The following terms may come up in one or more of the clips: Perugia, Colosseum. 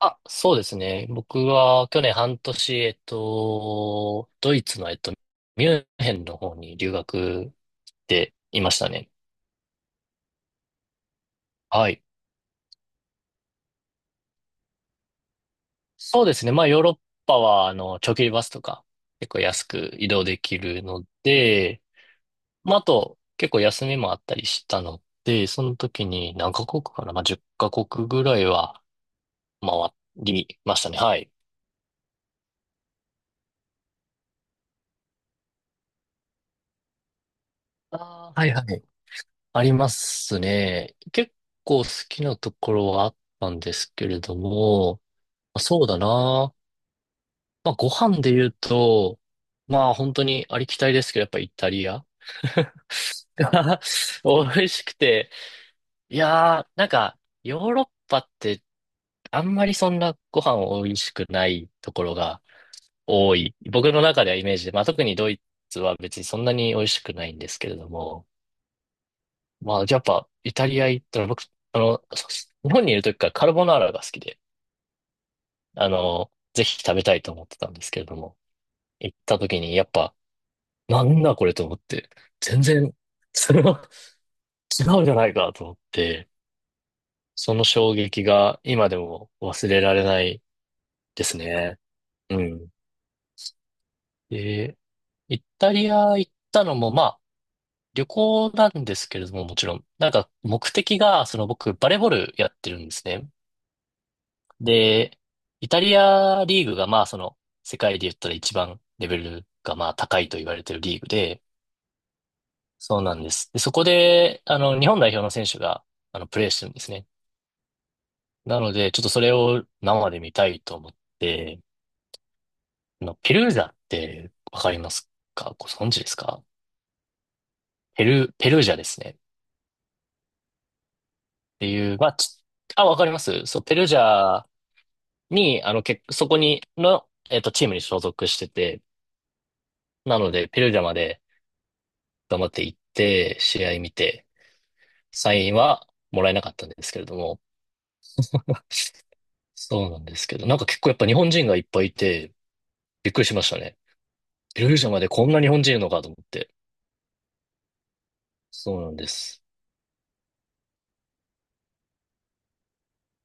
あ、そうですね。僕は去年半年、ドイツの、ミュンヘンの方に留学でいましたね。はい。そうですね。まあ、ヨーロッパは、長距離バスとか、結構安く移動できるので、まあ、あと、結構休みもあったりしたので、その時に何カ国かなまあ、10カ国ぐらいは回りましたね。はい。あーはいはい。ありますね。結構好きなところはあったんですけれども、まあそうだな。まあ、ご飯で言うと、まあ本当にありきたりですけど、やっぱイタリア 美味しくて。いやー、なんか、ヨーロッパってあんまりそんなご飯美味しくないところが多い。僕の中ではイメージで、まあ特にドイツは別にそんなに美味しくないんですけれども。まあ、やっぱ、イタリア行ったら僕、あの、そ日本にいる時からカルボナーラが好きで、ぜひ食べたいと思ってたんですけれども、行った時にやっぱ、なんだこれと思って、全然、それは 違うじゃないかと思って、その衝撃が今でも忘れられないですね。うん。で、イタリア行ったのも、まあ、旅行なんですけれども、もちろん、なんか目的が、その僕、バレーボールやってるんですね。で、イタリアリーグがまあその世界で言ったら一番レベルがまあ高いと言われてるリーグで、そうなんです。で、そこで、日本代表の選手が、プレーしてるんですね。なので、ちょっとそれを生で見たいと思って、ペルージャってわかりますか？ご存知ですか？ペルージャですね。っていう、まあ、わかります。そう、ペルージャに、そこにの、チームに所属してて、なので、ペルージャまで、頑張って行って、試合見て、サインはもらえなかったんですけれども、そうなんですけど、なんか結構やっぱ日本人がいっぱいいて、びっくりしましたね。ペルージャまでこんな日本人いるのかと思って。そうなんです。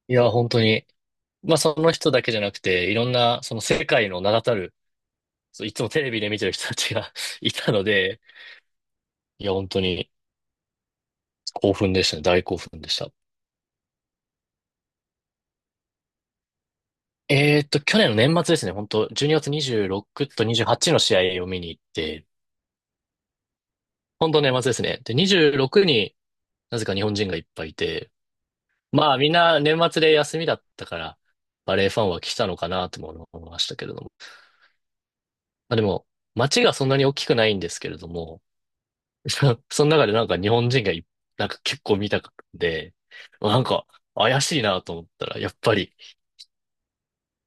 いや、本当に、まあその人だけじゃなくて、いろんな、その世界の名だたる、そういつもテレビで見てる人たちが いたので、いや、本当に興奮でしたね。大興奮でした。去年の年末ですね。本当12月26と28の試合を見に行って、本当年末ですね。で、26なぜか日本人がいっぱいいて、まあみんな年末で休みだったから、バレエファンは来たのかなとも思いましたけれども。まあでも、街がそんなに大きくないんですけれども、その中でなんか日本人がいなんか結構見たくて、なんか怪しいなと思ったら、やっぱり、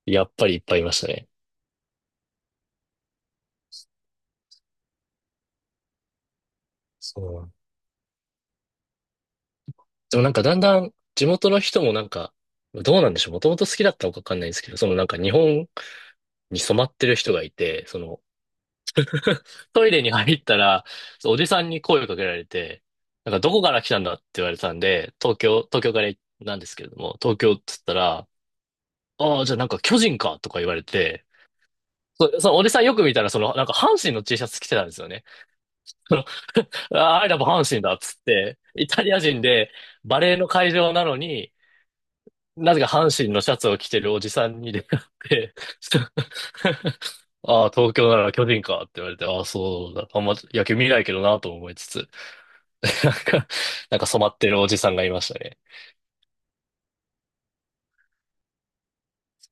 やっぱりいっぱいいましたね。そう。でもなんかだんだん地元の人もなんか、どうなんでしょう。もともと好きだったのかわかんないんですけど、そのなんか日本に染まってる人がいて、その トイレに入ったら、そうおじさんに声をかけられて、なんかどこから来たんだって言われたんで、東京、東京からなんですけれども、東京っつったら、ああ、じゃあなんか巨人かとか言われて、そのおじさんよく見たら、その、なんか阪神の T シャツ着てたんですよね。その、ああ、I l o 阪神だっつって、イタリア人でバレーの会場なのに、なぜか阪神のシャツを着てるおじさんに出会って、ああ、東京なら巨人かって言われて、ああ、そうだ。あんま野球見ないけどなと思いつつ。なんか、染まってるおじさんがいましたね。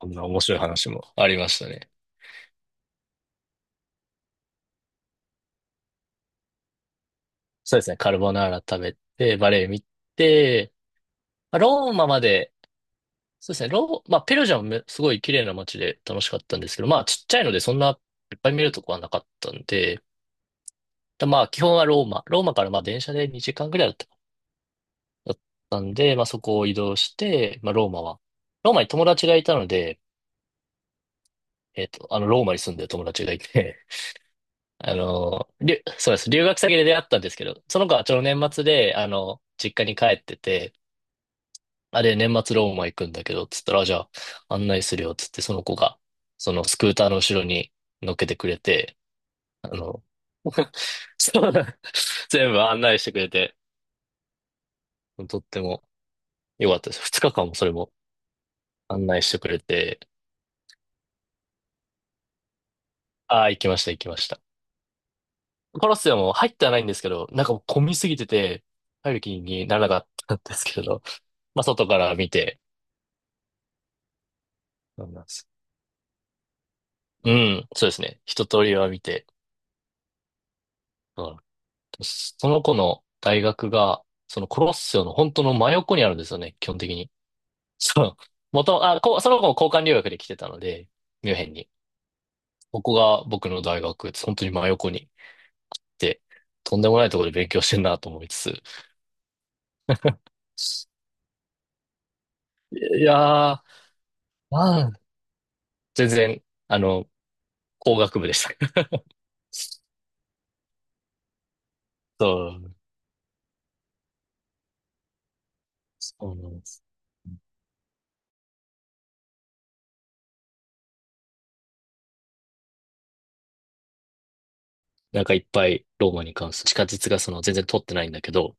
そんな面白い話もありましたね。そうですね、カルボナーラ食べて、バレエ見て、まあローマまで、そうですね、まあ、ペルージャもめすごい綺麗な街で楽しかったんですけど、まあ、ちっちゃいのでそんないっぱい見るとこはなかったんで、だまあ、基本はローマ、ローマからまあ、電車で2時間ぐらいだったかなだったんで、まあ、そこを移動して、まあ、ローマは、ローマに友達がいたので、ローマに住んでる友達がいてそうです。留学先で出会ったんですけど、その子はちょうど年末で、実家に帰ってて、あれ、年末ローマ行くんだけど、つったら、あじゃあ、案内するよ、つって、その子が、そのスクーターの後ろに乗っけてくれて、あの、そうだ、全部案内してくれて、とっても良かったです。二日間もそれも案内してくれて、ああ、行きました、行きました。コロッセオも入ってはないんですけど、なんかもう混みすぎてて、入る気にならなかったんですけれど、まあ、外から見て、そうなんです。うん、そうですね。一通りは見て。うん。その子の大学が、そのコロッセオの本当の真横にあるんですよね、基本的に。そう。元、あ、こ、その子も交換留学で来てたので、ミュンヘンに。ここが僕の大学、本当に真横にいて、とんでもないところで勉強してんなと思いつつ。いやー、まあ、全然、あの、工学部でした。そう、そうなんです。なんかいっぱいローマに関する地下鉄がその全然通ってないんだけど、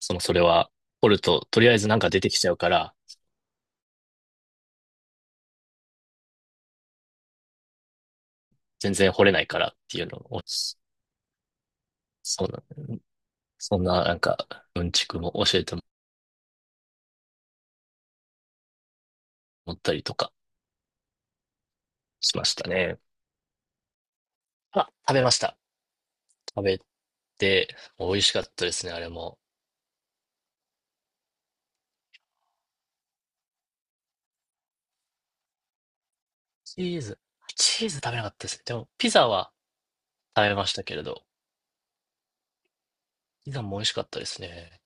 その、それは、掘ると、とりあえずなんか出てきちゃうから、全然掘れないからっていうのを、そうなん、そんな、なんか、うんちくも教えてもらったりとかしましたね。あ、食べました。食べて、美味しかったですね、あれも。チーズ、チーズ食べなかったですね。でも、ピザは食べましたけれど、ピザも美味しかったですね。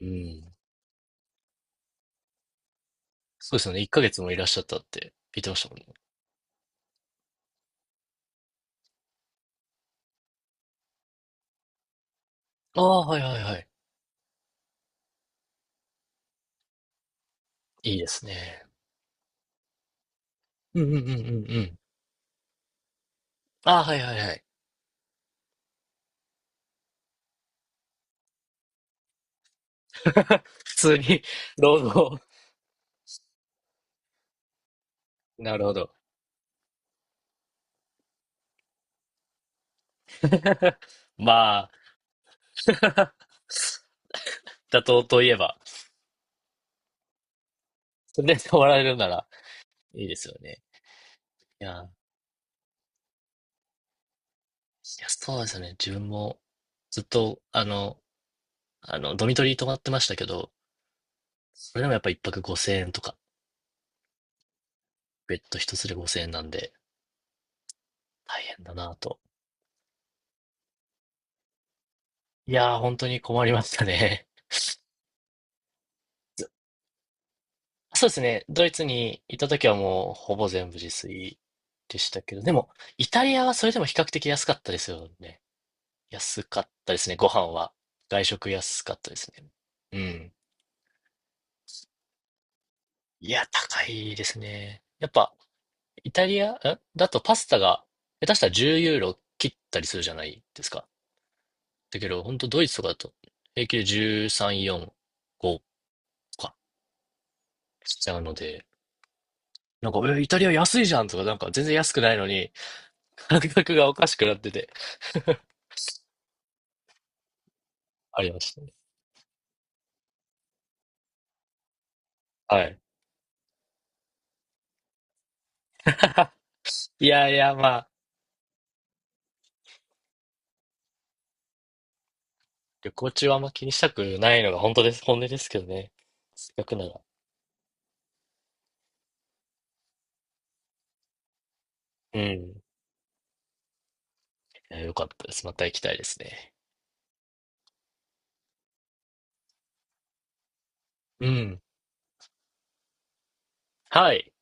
うん。そうですよね。1ヶ月もいらっしゃったって聞いてましたもんね。ああ、はいはいはい。いいですね。うんうんうんうんうん。ああ、はいはいはい。普通に、労働。なるほど。まあ、妥当といえば、それで終わられるならいいですよね。いや、いや、そうですよね。自分もずっと、ドミトリー泊まってましたけど、それでもやっぱ一泊5000円とか、ベッド一つで5000円なんで、大変だなぁと。いやー、本当に困りましたね。ずそうですね。ドイツに行った時はもう、ほぼ全部自炊でしたけど、でも、イタリアはそれでも比較的安かったですよね。安かったですね、ご飯は。外食安かったですね。うん。いや、高いですね。やっぱ、イタリア、んだとパスタが、下手したら10ユーロ切ったりするじゃないですか。だけど、本当ドイツとかだと、平均で13、4、5か、しちゃうので、なんか、え、イタリア安いじゃんとか、なんか全然安くないのに、感覚がおかしくなってて、ありましたね。はい。いやいや、まあ、旅行中はあんま気にしたくないのが本当です、本音ですけどね。せっかくなら。うん。いよかったです。また行きたいですね。うん。はい。